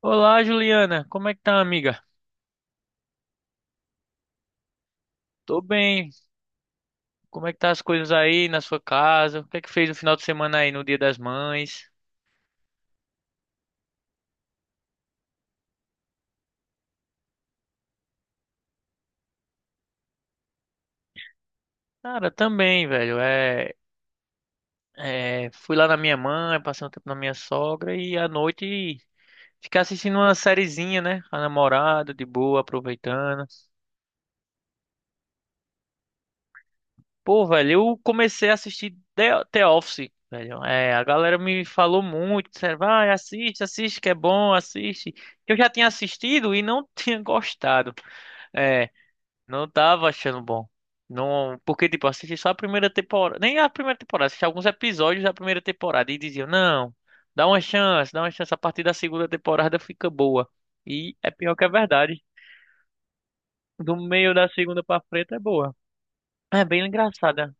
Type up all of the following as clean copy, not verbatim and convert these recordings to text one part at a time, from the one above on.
Olá, Juliana. Como é que tá, amiga? Tô bem. Como é que tá as coisas aí na sua casa? O que é que fez no final de semana aí no Dia das Mães? Cara, também, velho. Fui lá na minha mãe, passei um tempo na minha sogra e à noite ficar assistindo uma sériezinha, né? Com a namorada, de boa, aproveitando. Pô, velho, eu comecei a assistir The Office, velho. A galera me falou muito, disseram, vai, assiste, assiste, que é bom, assiste. Eu já tinha assistido e não tinha gostado. É, Não tava achando bom. Não, porque tipo, eu assisti só a primeira temporada, nem a primeira temporada, assisti alguns episódios da primeira temporada e diziam: "Não, dá uma chance, a partir da segunda temporada fica boa". E é pior que a verdade. Do meio da segunda pra frente é boa. É bem engraçada.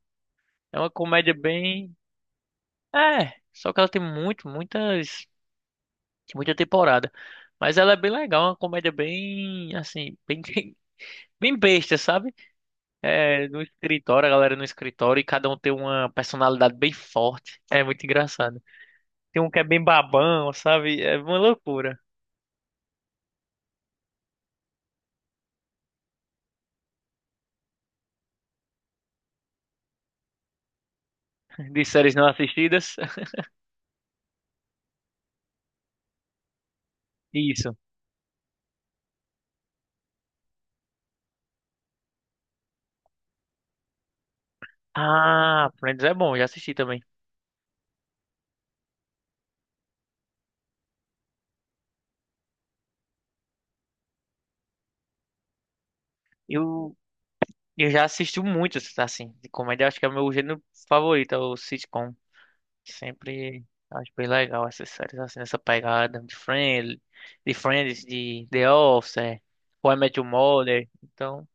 É uma comédia, só que ela tem muitas, muita temporada. Mas ela é bem legal, é uma comédia bem assim, bem bem besta, sabe? É, no escritório, a galera no escritório e cada um tem uma personalidade bem forte. É muito engraçado. Tem um que é bem babão, sabe? É uma loucura. De séries não assistidas. Isso. Ah, Friends é bom, já assisti também. Eu, eu já assisti muitos, assim, de comédia. Acho que é o meu gênero favorito, é o sitcom. Sempre acho bem legal essas séries, assim, nessa pegada de Friends, de Friends, de The Office, How I Met Your Mother. Então,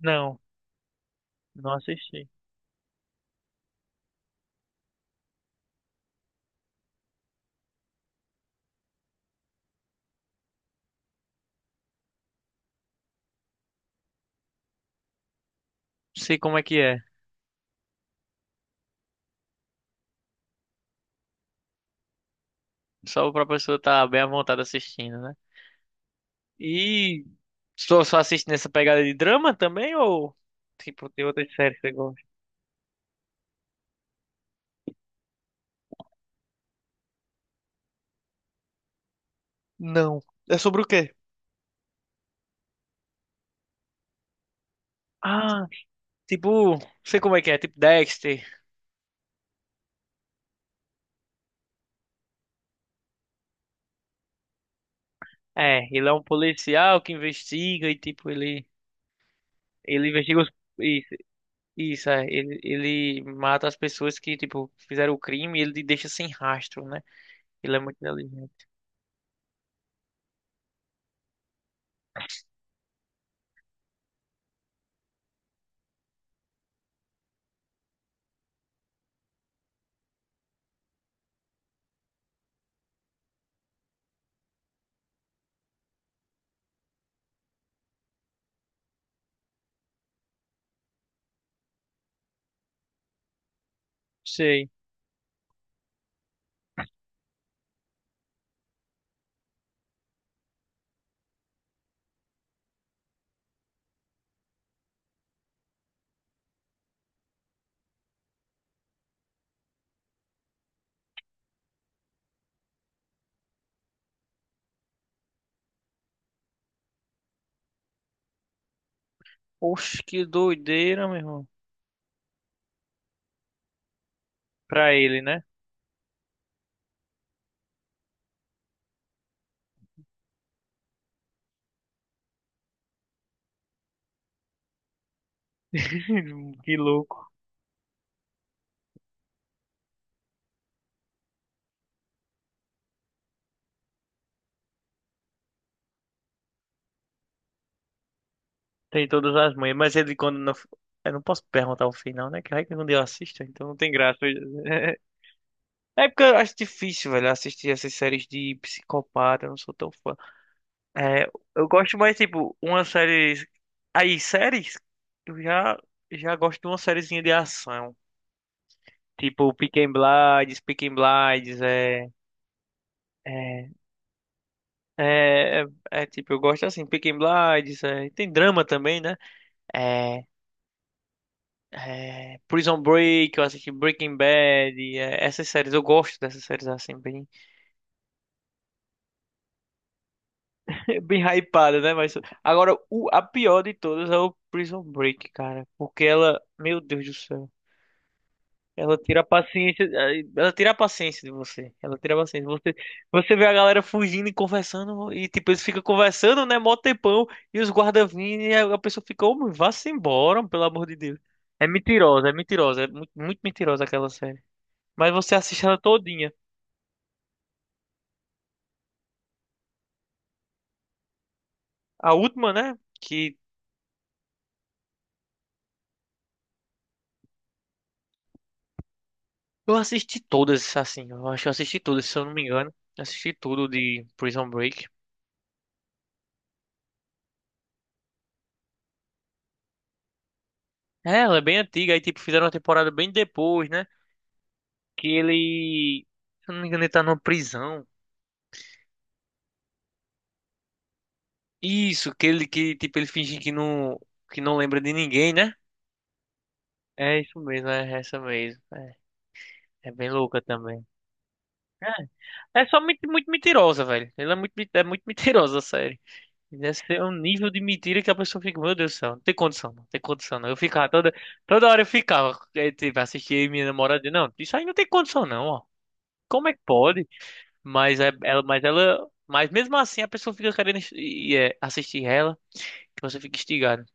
não, não assisti. Sei como é que é. Só pra pessoa estar bem à vontade assistindo, né? E só assiste nessa pegada de drama também ou tipo tem outras séries que você gosta? Não. É sobre o quê? Ah, tipo, sei como é que é, tipo Dexter. É, ele é um policial que investiga e tipo ele investiga os isso, isso é, ele, ele mata as pessoas que tipo fizeram o crime e ele deixa sem rastro, né? Ele é muito inteligente. Sei. Oxe, que doideira, meu irmão. Pra ele, né? Que louco. Tem todas as manhas, mas ele quando não. Eu não posso perguntar o final, né? Que vai que quando eu assisto, então não tem graça. É porque eu acho difícil, velho, assistir essas séries de psicopata, eu não sou tão fã. É, eu gosto mais, tipo, uma série. Aí, séries, eu já, já gosto de uma sériezinha de ação. Tipo, Peaky Blinders, é, é, é, tipo, eu gosto assim, Peaky Blinders, é, tem drama também, né? É, Prison Break, eu assisti Breaking Bad, é, essas séries, eu gosto dessas séries assim, bem, bem hypadas, né? Mas agora, a pior de todas é o Prison Break, cara, porque ela, meu Deus do céu, ela tira a paciência, ela tira a paciência de você, ela tira a paciência. Você vê a galera fugindo e conversando, e tipo, eles ficam conversando, né, mó tempão, e os guardas vindo, e a pessoa fica, ô, vá-se embora, pelo amor de Deus. É mentirosa, é mentirosa, é muito, muito mentirosa aquela série. Mas você assiste ela todinha. A última, né? Que Eu assisti todas, assim. Eu acho que eu assisti todas, se eu não me engano. Assisti tudo de Prison Break. É, ela é bem antiga. Aí, tipo, fizeram uma temporada bem depois, né? Que ele. Se eu não me engano, ele tá numa prisão. Isso, que ele finge que não lembra de ninguém, né? É isso mesmo, é essa mesmo. É bem louca também. É, É só muito, muito mentirosa, velho. Ela é muito mentirosa, a série. Deve ser um nível de mentira que a pessoa fica, meu Deus do céu, não tem condição, não tem condição, não. Toda hora eu ficava, tipo, assistia minha namorada, dizia, não, isso aí não tem condição, não, ó. Como é que pode? Mas mesmo assim a pessoa fica querendo assistir ela, que você fica instigado.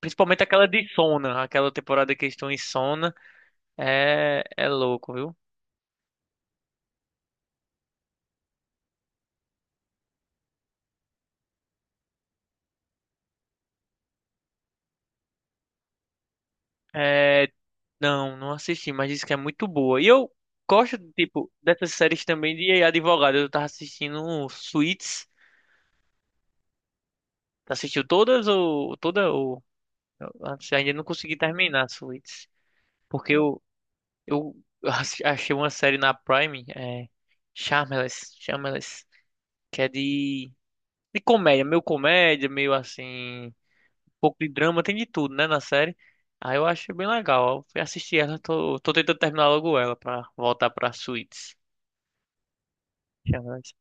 Principalmente aquela de Sona, aquela temporada que eles estão em Sona, é louco, viu? É, não, não assisti, mas disse que é muito boa. E eu gosto, tipo, dessas séries também de advogado. Eu tava assistindo um Suits. Assistiu todas ou toda ou eu ainda não consegui terminar Suits, porque eu achei uma série na Prime, é Shameless, que é de comédia, meio assim, um pouco de drama, tem de tudo, né, na série. Aí eu achei bem legal. Eu fui assistir ela, tô tentando terminar logo ela pra voltar pra Suits. Shameless.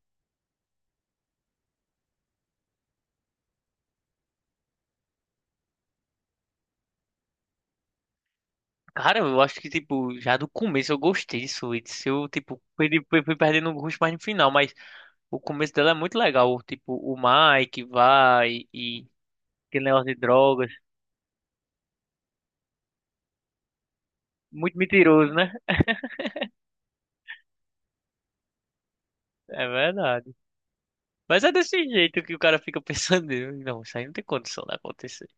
Cara, eu acho que tipo, já do começo eu gostei de Suits. Eu tipo, fui perdendo o gosto mais no final, mas o começo dela é muito legal. Tipo, o Mike vai e aquele negócio de drogas. Muito mentiroso, né? É verdade. Mas é desse jeito que o cara fica pensando. Não, isso aí não tem condição de acontecer.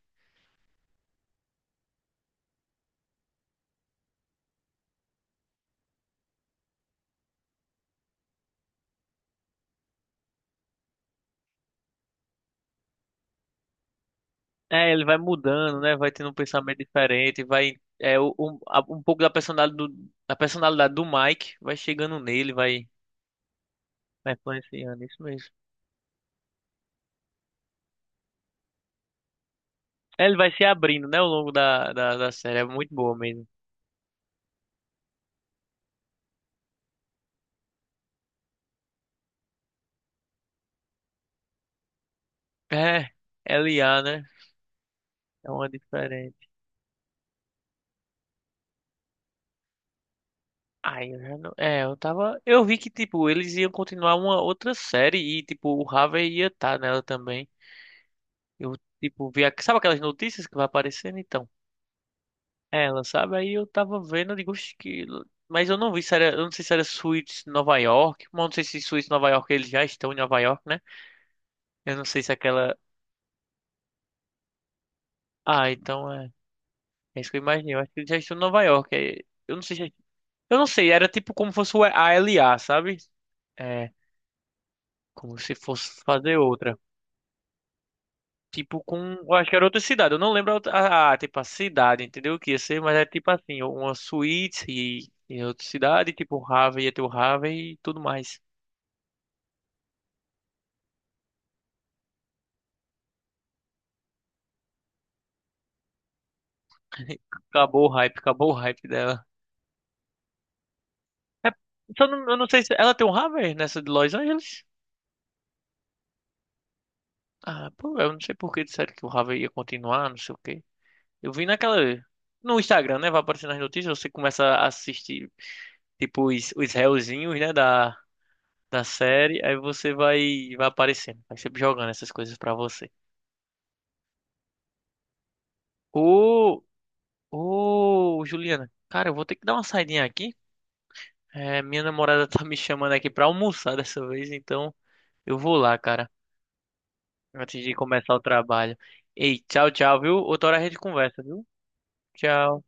É, ele vai mudando, né? Vai tendo um pensamento diferente. Vai. Um pouco da personalidade do Mike vai chegando nele, vai influenciando. Isso mesmo. É, ele vai se abrindo, né? Ao longo da série. É muito boa mesmo. É, LA, né? É uma diferente. Ai, eu já não... É, eu tava. Eu vi que, tipo, eles iam continuar uma outra série e, tipo, o Harvey ia estar nela também. Eu, Vi. Sabe aquelas notícias que vai aparecendo? Então, ela, sabe? Aí eu tava vendo, eu digo, "Oxe, que. Mas eu não vi se era. Eu não sei se era Suits Nova York. Mas eu não sei se Suits Nova York eles já estão em Nova York, né? Eu não sei se aquela. Ah, então é. É isso que eu imaginei. Eu acho que eles já estão em Nova York. É, Eu não sei se. Eu não sei, era tipo como fosse a LA, sabe? É, Como se fosse fazer outra. Tipo, com. Eu acho que era outra cidade. Eu não lembro a, outra- a, tipo, a cidade, entendeu? O que ia ser, mas é tipo assim, uma suíte e outra cidade, tipo, o Harvey e tudo mais. Acabou o hype dela. É, só não- Eu não sei se ela tem um Harvey nessa de Los Angeles. Ah, pô, eu não sei por que disseram que o Harvey ia continuar, não sei o quê. Eu vi naquela. No Instagram, né? Vai aparecer nas notícias, você começa a assistir, tipo, os réuzinhos, né? Da série, aí você vai aparecendo, vai sempre jogando essas coisas pra você. Ô, ô, Juliana, cara, eu vou ter que dar uma saidinha aqui. É, minha namorada tá me chamando aqui pra almoçar dessa vez, então eu vou lá, cara, antes de começar o trabalho. Ei, tchau, tchau, viu? Outra hora a gente conversa, viu? Tchau.